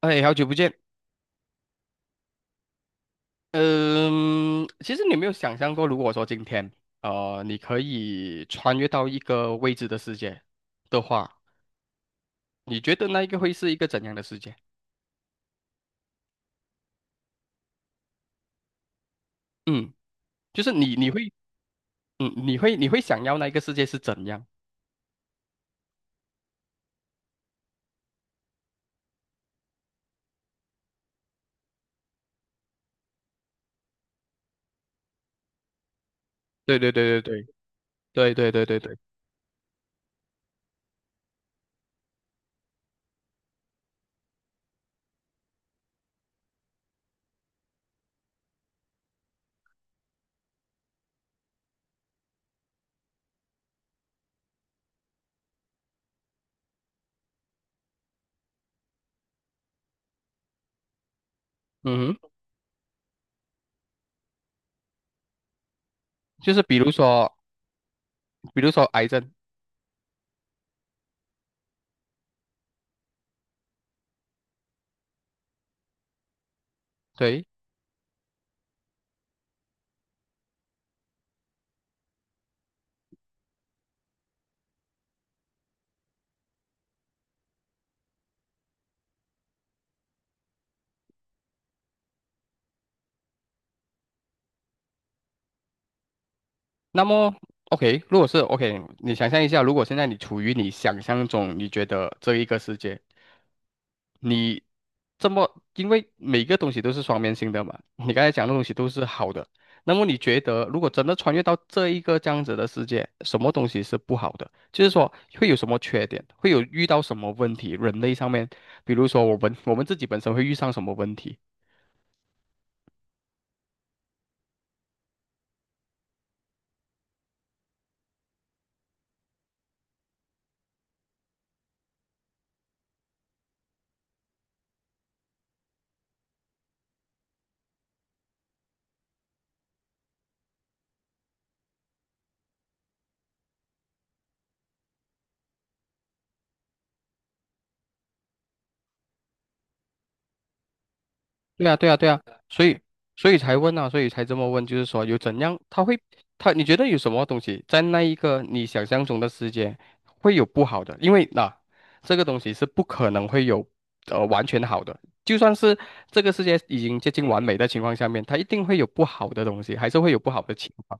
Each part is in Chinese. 哎，好久不见。嗯，其实你有没有想象过，如果说今天，你可以穿越到一个未知的世界的话，你觉得那一个会是一个怎样的世界？嗯，就是你会，嗯，你会想要那一个世界是怎样？对对对对对对对对对对，嗯哼，就是比如说，比如说癌症，对，那么，OK，如果是 OK，你想象一下，如果现在你处于你想象中，你觉得这一个世界，你这么，因为每个东西都是双面性的嘛，你刚才讲的东西都是好的，那么你觉得如果真的穿越到这一个这样子的世界，什么东西是不好的？就是说会有什么缺点，会有遇到什么问题，人类上面，比如说我们自己本身会遇上什么问题？对啊，对啊，对啊，所以所以才问啊，所以才这么问，就是说有怎样，他你觉得有什么东西在那一个你想象中的世界会有不好的？因为那、啊这个东西是不可能会有完全好的，就算是这个世界已经接近完美的情况下面，它一定会有不好的东西，还是会有不好的情况。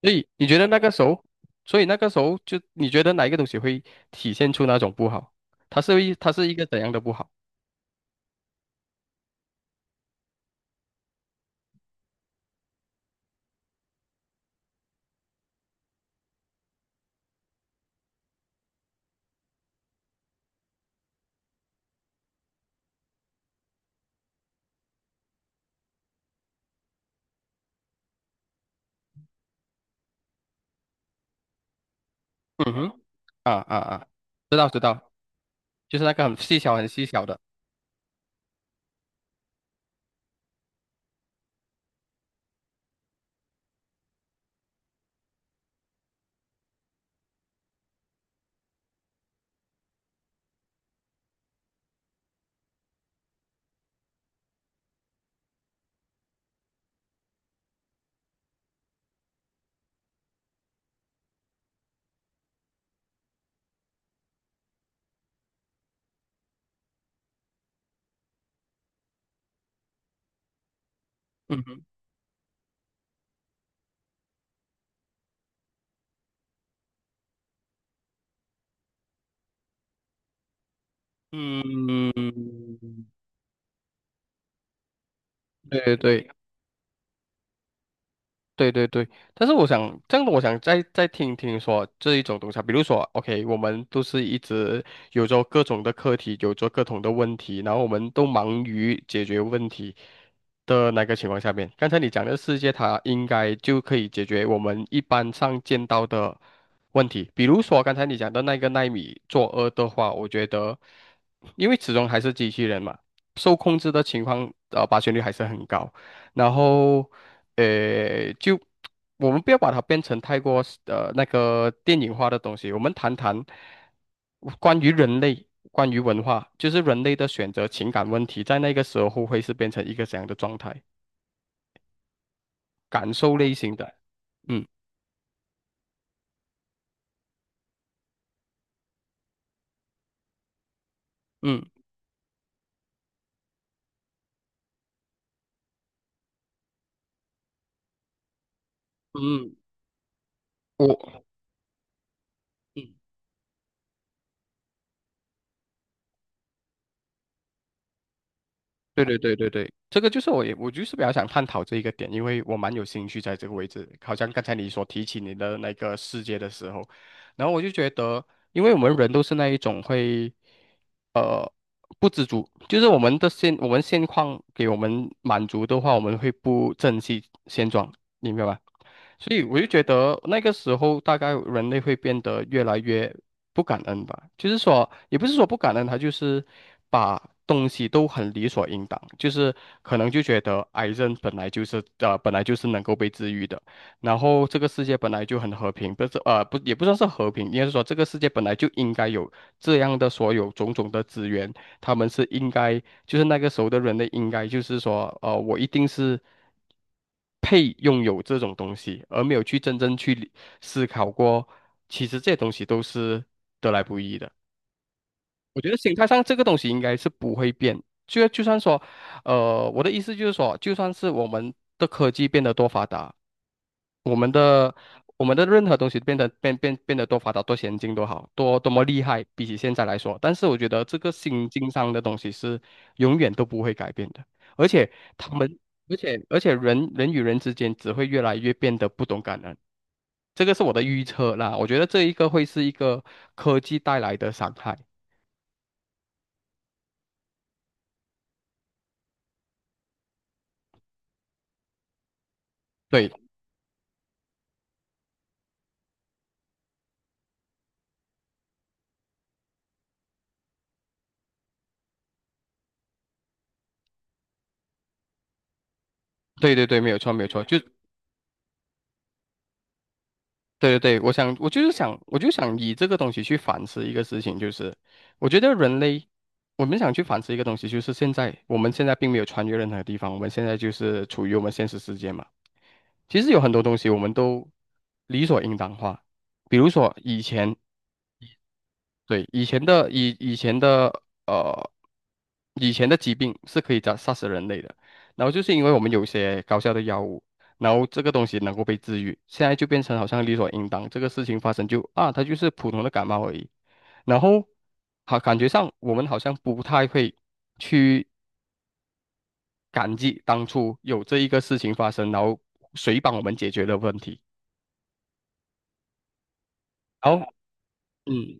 所以你觉得那个时候，所以那个时候就你觉得哪一个东西会体现出那种不好？它是一个怎样的不好？嗯哼，啊啊啊，知道知道。就是那个很细小、很细小的。嗯哼嗯，对对对对对对，但是我想这样的，我想再听听说这一种东西啊比如说，OK,我们都是一直有着各种的课题，有着各种的问题，然后我们都忙于解决问题的那个情况下面，刚才你讲的世界，它应该就可以解决我们一般上见到的问题，比如说刚才你讲的那个奈米作恶的话，我觉得，因为始终还是机器人嘛，受控制的情况，发生率还是很高。然后，呃，就我们不要把它变成太过那个电影化的东西，我们谈谈关于人类、关于文化，就是人类的选择、情感问题，在那个时候会是变成一个怎样的状态？感受类型的，嗯嗯嗯，我。嗯。对对对对对，这个就是我就是比较想探讨这一个点，因为我蛮有兴趣在这个位置。好像刚才你所提起你的那个世界的时候，然后我就觉得，因为我们人都是那一种会，呃，不知足，就是我们现况给我们满足的话，我们会不珍惜现状，你明白吧？所以我就觉得那个时候大概人类会变得越来越不感恩吧，就是说也不是说不感恩，他就是把东西都很理所应当，就是可能就觉得癌症本来就是本来就是能够被治愈的，然后这个世界本来就很和平，不是呃不也不算是和平，应该是说这个世界本来就应该有这样的所有种种的资源，他们是应该，就是那个时候的人类应该就是说，我一定是配拥有这种东西，而没有去真正思考过，其实这些东西都是得来不易的。我觉得心态上这个东西应该是不会变，就算说，我的意思就是说，就算是我们的科技变得多发达。我们的我们的任何东西变得多发达、多先进、多好、多么厉害，比起现在来说，但是我觉得这个心境上的东西是永远都不会改变的，而且他们，而且人与人之间只会越来越变得不懂感恩，这个是我的预测啦。我觉得这一个会是一个科技带来的伤害。对对对对，没有错没有错，就对对对，我想，我就是想，我就想以这个东西去反思一个事情，就是我觉得人类，我们想去反思一个东西，就是现在并没有穿越任何地方，我们现在就是处于我们现实世界嘛。其实有很多东西我们都理所应当化，比如说以前对，呃，以前的疾病是可以杀死人类的，然后就是因为我们有一些高效的药物，然后这个东西能够被治愈，现在就变成好像理所应当，这个事情发生就啊，它就是普通的感冒而已。然后好，感觉上我们好像不太会去感激当初有这一个事情发生，然后谁帮我们解决的问题。然后，嗯，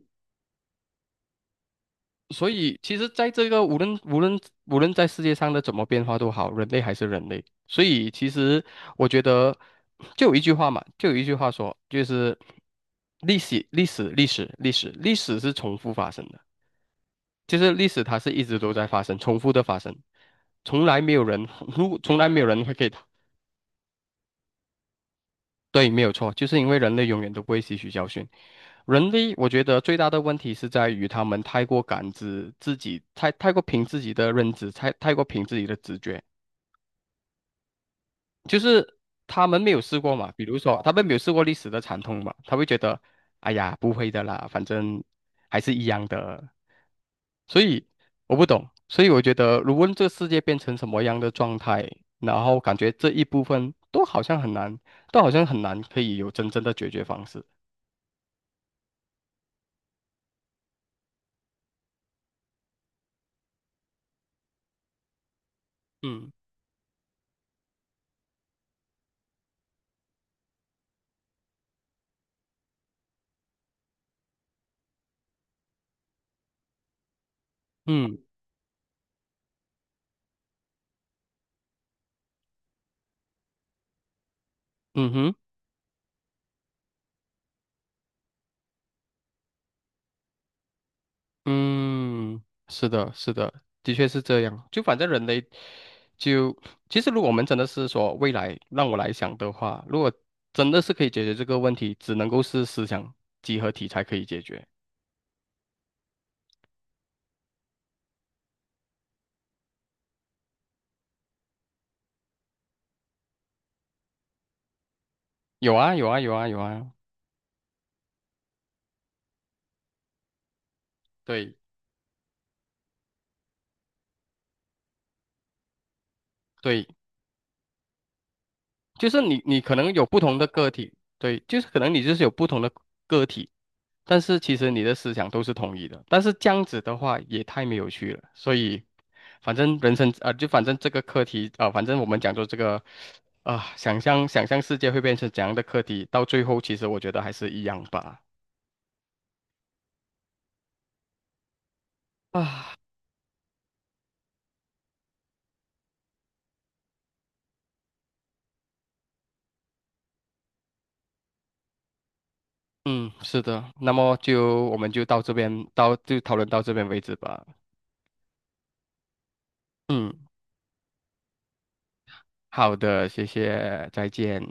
所以，其实，在这个无论在世界上的怎么变化都好，人类还是人类。所以，其实我觉得，就有一句话嘛，就有一句话说，就是历史是重复发生的。就是历史它是一直都在发生，重复的发生，从来没有人，从来没有人会给对，没有错，就是因为人类永远都不会吸取教训。人类，我觉得最大的问题是在于他们太过感知自己，太过凭自己的认知，太过凭自己的直觉，就是他们没有试过嘛。比如说，他们没有试过历史的惨痛嘛，他会觉得，哎呀，不会的啦，反正还是一样的。所以我不懂，所以我觉得，如果这个世界变成什么样的状态，然后感觉这一部分都好像很难，都好像很难可以有真正的解决方式。嗯嗯嗯哼，嗯，是的，是的，的确是这样。就反正人类就，其实如果我们真的是说未来让我来想的话，如果真的是可以解决这个问题，只能够是思想集合体才可以解决。有啊，有啊，有啊，有啊，对对。就是你可能有不同的个体，对，就是可能你就是有不同的个体，但是其实你的思想都是统一的，但是这样子的话也太没有趣了，所以反正人生啊、反正这个课题啊、反正我们讲说这个啊、想象想象世界会变成怎样的课题，到最后其实我觉得还是一样吧。啊，嗯，是的，那么我们就到这边，就讨论到这边为止吧。嗯，好的，谢谢，再见。